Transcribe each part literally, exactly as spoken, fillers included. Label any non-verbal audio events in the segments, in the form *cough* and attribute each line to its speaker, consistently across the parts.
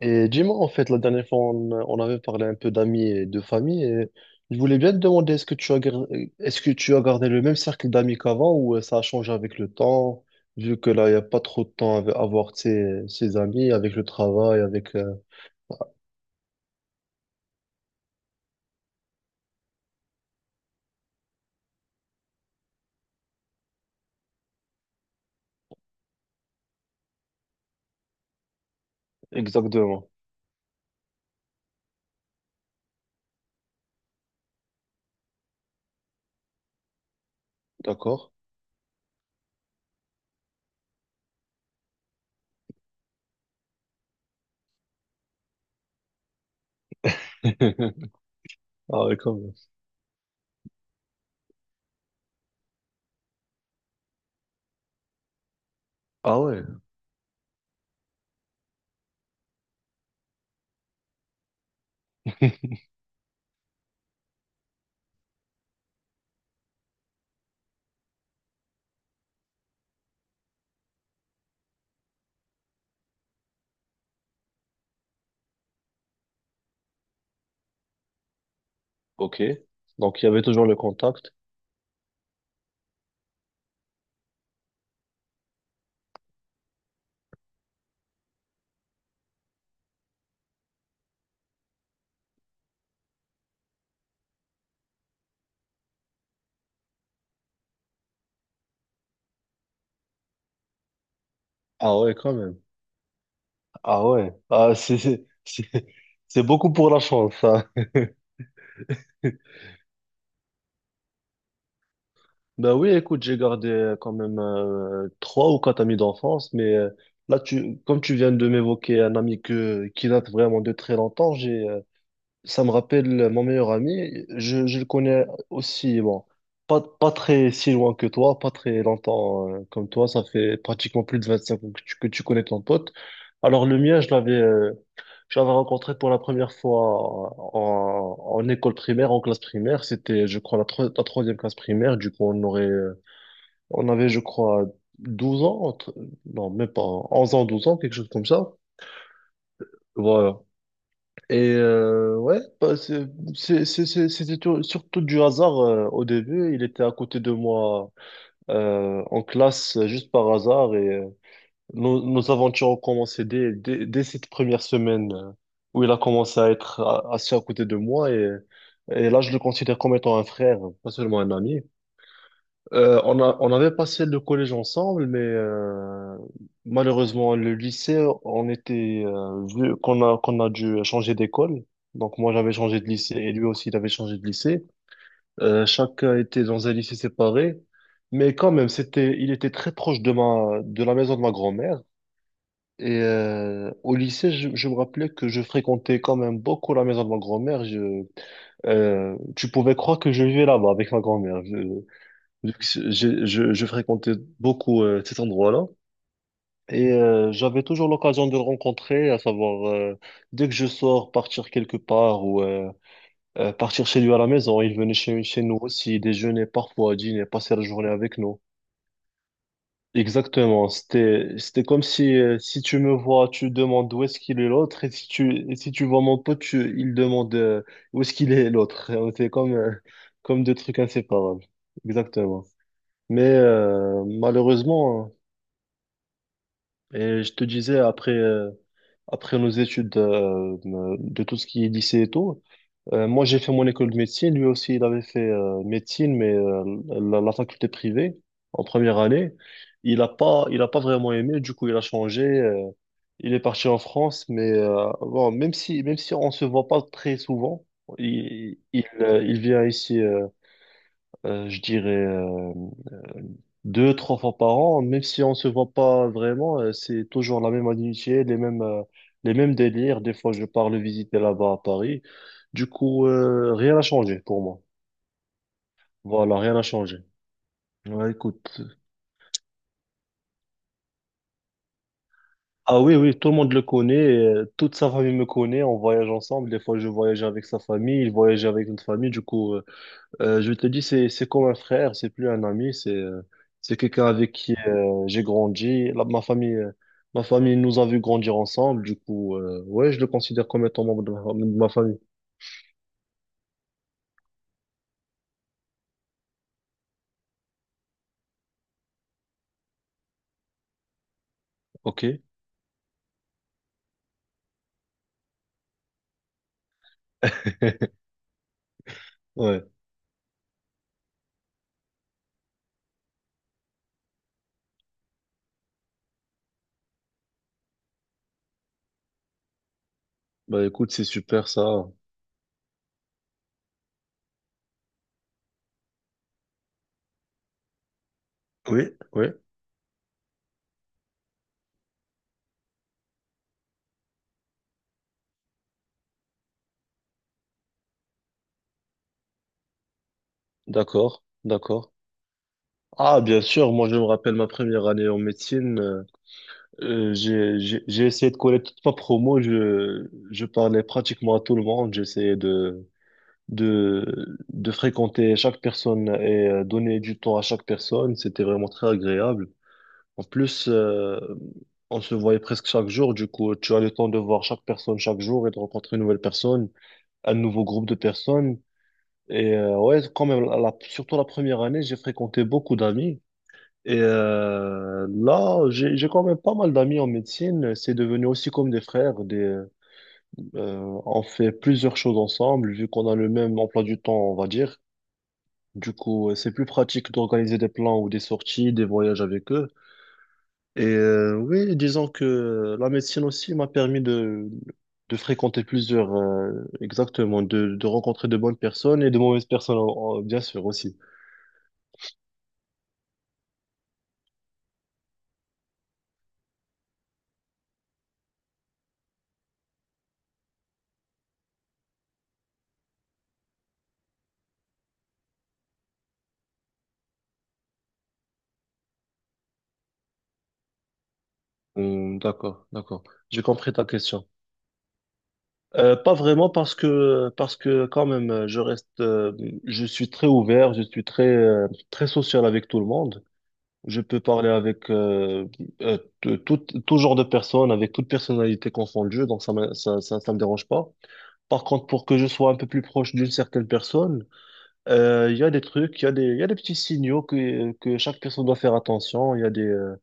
Speaker 1: Et dis-moi, en fait, la dernière fois, on, on avait parlé un peu d'amis et de famille. Et je voulais bien te demander, est-ce que tu as gardé, est-ce que tu as gardé le même cercle d'amis qu'avant ou euh, ça a changé avec le temps, vu que là, il n'y a pas trop de temps à avoir ses, ses amis avec le travail, avec... euh, Exactement. D'accord. *laughs* Ah ouais, quand même. Ah ouais. *laughs* Ok. Donc, il y avait toujours le contact. Ah ouais, quand même. Ah ouais. Ah, c'est, c'est, c'est c'est beaucoup pour la chance, ça. *laughs* Ben oui, écoute, j'ai gardé euh, quand même euh, trois ou quatre amis d'enfance, mais euh, là, tu, comme tu viens de m'évoquer un ami que, qui date vraiment de très longtemps, j'ai euh, ça me rappelle mon meilleur ami. Je, je le connais aussi, bon, pas, pas très si loin que toi, pas très longtemps euh, comme toi. Ça fait pratiquement plus de vingt-cinq ans que tu, que tu connais ton pote. Alors le mien, je l'avais euh, je l'avais rencontré pour la première fois en, en école primaire, en classe primaire. C'était, je crois, la, tro- la troisième classe primaire. Du coup, on aurait, euh, on avait, je crois, douze ans, entre- non, même pas, onze ans, douze ans, quelque chose comme ça. Voilà. Et euh, ouais, bah, c'est- c'est- c'est- c'est- c'était tout- surtout du hasard euh, au début. Il était à côté de moi euh, en classe euh, juste par hasard et euh, nos, nos aventures ont commencé dès, dès, dès cette première semaine euh, où il a commencé à être a- assis à côté de moi et, et là je le considère comme étant un frère, pas seulement un ami. Euh, on a, on avait passé le collège ensemble, mais euh, malheureusement, le lycée, on était, euh, vu qu'on a, qu'on a dû changer d'école. Donc, moi, j'avais changé de lycée et lui aussi, il avait changé de lycée. Euh, chacun était dans un lycée séparé. Mais quand même, c'était, il était très proche de ma, de la maison de ma grand-mère. Et euh, au lycée, je, je me rappelais que je fréquentais quand même beaucoup la maison de ma grand-mère. Je, euh, tu pouvais croire que je vivais là-bas avec ma grand-mère. Vu que c'est- j'ai- je, je fréquentais beaucoup euh, cet endroit-là et euh, j'avais toujours l'occasion de le rencontrer, à savoir euh, dès que je sors, partir quelque part ou euh, euh, partir chez lui à la maison, il venait chez, chez nous aussi, déjeuner parfois, dîner, passer la journée avec nous. Exactement, c'était c'était comme si euh, si tu me vois, tu demandes où est-ce qu'il est l'autre et si tu et si tu vois mon pote, tu, il demande euh, où est-ce qu'il est l'autre. *laughs* C'est comme euh, comme deux trucs inséparables. Exactement. Mais euh, malheureusement, et je te disais, après, euh, après nos études euh, de tout ce qui est lycée et tout, euh, moi j'ai fait mon école de médecine, lui aussi il avait fait euh, médecine, mais euh, la, la faculté privée en première année. Il a pas, il a pas vraiment aimé, du coup il a changé, euh, il est parti en France, mais euh, bon, même si, même si on se voit pas très souvent, il, il, euh, il vient ici. euh, euh, je dirais euh, euh, deux, trois fois par an, même si on se voit pas vraiment, euh, c'est toujours la même amitié, les mêmes, euh, les mêmes délires. Des fois, je pars le visiter là-bas à Paris. Du coup, euh, rien n'a changé pour moi. Voilà, rien n'a changé. Ouais, écoute. Ah oui, oui, tout le monde le connaît, euh, toute sa famille me connaît, on voyage ensemble, des fois je voyage avec sa famille, il voyage avec notre famille, du coup, euh, Euh, je te dis, c'est, c'est comme un frère, c'est plus un ami, c'est, euh, c'est quelqu'un avec qui euh, j'ai grandi. La- ma famille, euh, ma famille nous a vu grandir ensemble, du coup, euh, ouais, je le considère comme étant membre de ma, de ma famille. Ok. *laughs* Ouais. Bah écoute, c'est super ça. Oui, oui. D'accord, d'accord. Ah, bien sûr, moi je me rappelle ma première année en médecine. euh, euh, j'ai, j'ai j'ai essayé de coller toute ma promo, je, je parlais pratiquement à tout le monde, j'essayais de. de, de fréquenter chaque personne et euh, donner du temps à chaque personne. C'était vraiment très agréable. En plus, euh, on se voyait presque chaque jour. Du coup, tu as le temps de voir chaque personne chaque jour et de rencontrer une nouvelle personne, un nouveau groupe de personnes. Et euh, ouais, quand même, la- la- surtout la première année, j'ai fréquenté beaucoup d'amis. Et euh, là, j'ai j'ai quand même pas mal d'amis en médecine. C'est devenu aussi comme des frères. Des, euh, on fait plusieurs choses ensemble, vu qu'on a le même emploi du temps, on va dire. Du coup, euh, c'est plus pratique d'organiser des plans ou des sorties, des voyages avec eux. Et euh, oui, disons que euh, la médecine aussi m'a permis de, de fréquenter plusieurs, euh, exactement, de, de rencontrer de bonnes personnes et de mauvaises personnes, en- en- bien sûr, aussi. Hum, d'accord, d'accord. J'ai compris ta question. Euh, pas vraiment parce que parce que quand même euh, je reste euh, je suis très ouvert je suis très euh, très social avec tout le monde. Je peux parler avec euh, euh, t- tout, tout genre de personnes, avec toute personnalité confondue, donc ça me, ça, ça, ça me dérange pas. Par contre, pour que je sois un peu plus proche d'une certaine personne, euh, il y a des trucs, il y a des, il y a des petits signaux que, que chaque personne doit faire attention. Il y a des, euh,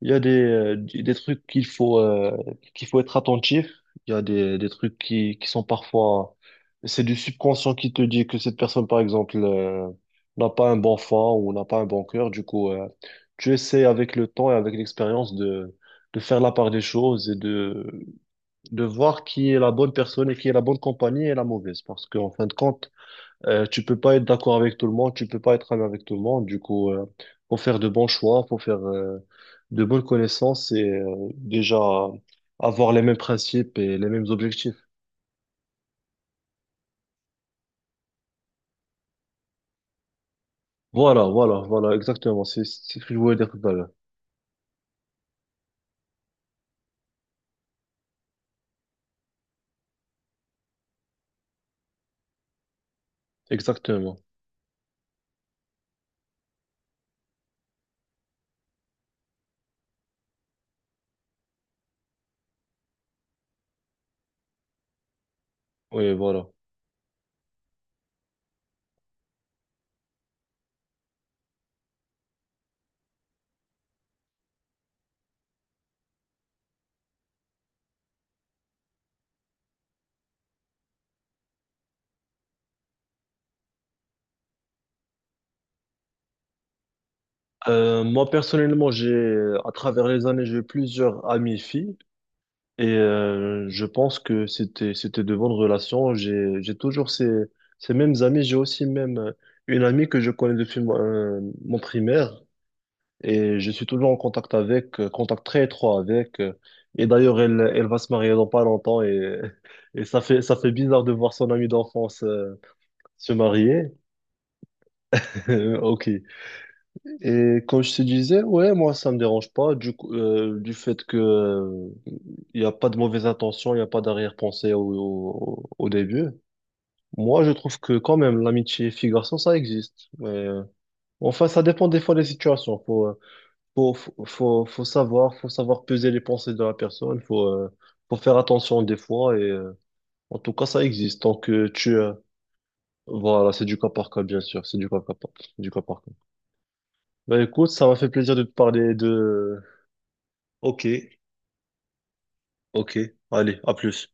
Speaker 1: il y a des, euh, des trucs qu'il faut, euh, qu'il faut être attentif. Il y a des, des trucs qui, qui sont parfois... C'est du subconscient qui te dit que cette personne, par exemple, euh, n'a pas un bon fond ou n'a pas un bon cœur. Du coup, euh, tu essaies avec le temps et avec l'expérience de, de faire la part des choses et de, de voir qui est la bonne personne et qui est la bonne compagnie et la mauvaise. Parce qu'en fin de compte, euh, tu peux pas être d'accord avec tout le monde, tu peux pas être ami avec tout le monde. Du coup, euh, faut faire de bons choix, faut faire euh, de bonnes connaissances et euh, déjà avoir les mêmes principes et les mêmes objectifs. Voilà, voilà, voilà, exactement. C'est c'est ce que je voulais dire tout à l'heure. Exactement. Oui, voilà. Euh, moi, personnellement, j'ai, à travers les années, j'ai eu plusieurs amies filles. Et euh, je pense que c'était c'était de bonnes relations. J'ai j'ai toujours ces ces mêmes amis. J'ai aussi même euh, une amie que je connais depuis mon euh, mon primaire et je suis toujours en contact avec, euh, contact très étroit avec. euh. Et d'ailleurs, elle elle va se marier dans pas longtemps et *laughs* et ça fait ça fait bizarre de voir son amie d'enfance euh, se marier. *laughs* Ok. Et quand je te disais, ouais, moi, ça me dérange pas du coup, euh, du fait que euh, il y a pas de mauvaise intention, il y a pas d'arrière-pensée au, au, au début. Moi, je trouve que quand même, l'amitié fille-garçon, ça existe. Mais, euh, enfin, ça dépend des fois des situations. Faut, euh, faut, faut, faut, faut savoir, faut savoir peser les pensées de la personne. Faut, euh, faut faire attention des fois. Et euh, en tout cas, ça existe. Tant que tu, euh, voilà, c'est du cas par cas, bien sûr. C'est du cas par cas, du cas par cas. Bah, écoute, ça m'a fait plaisir de te parler de. Ok, ok. Allez, à plus.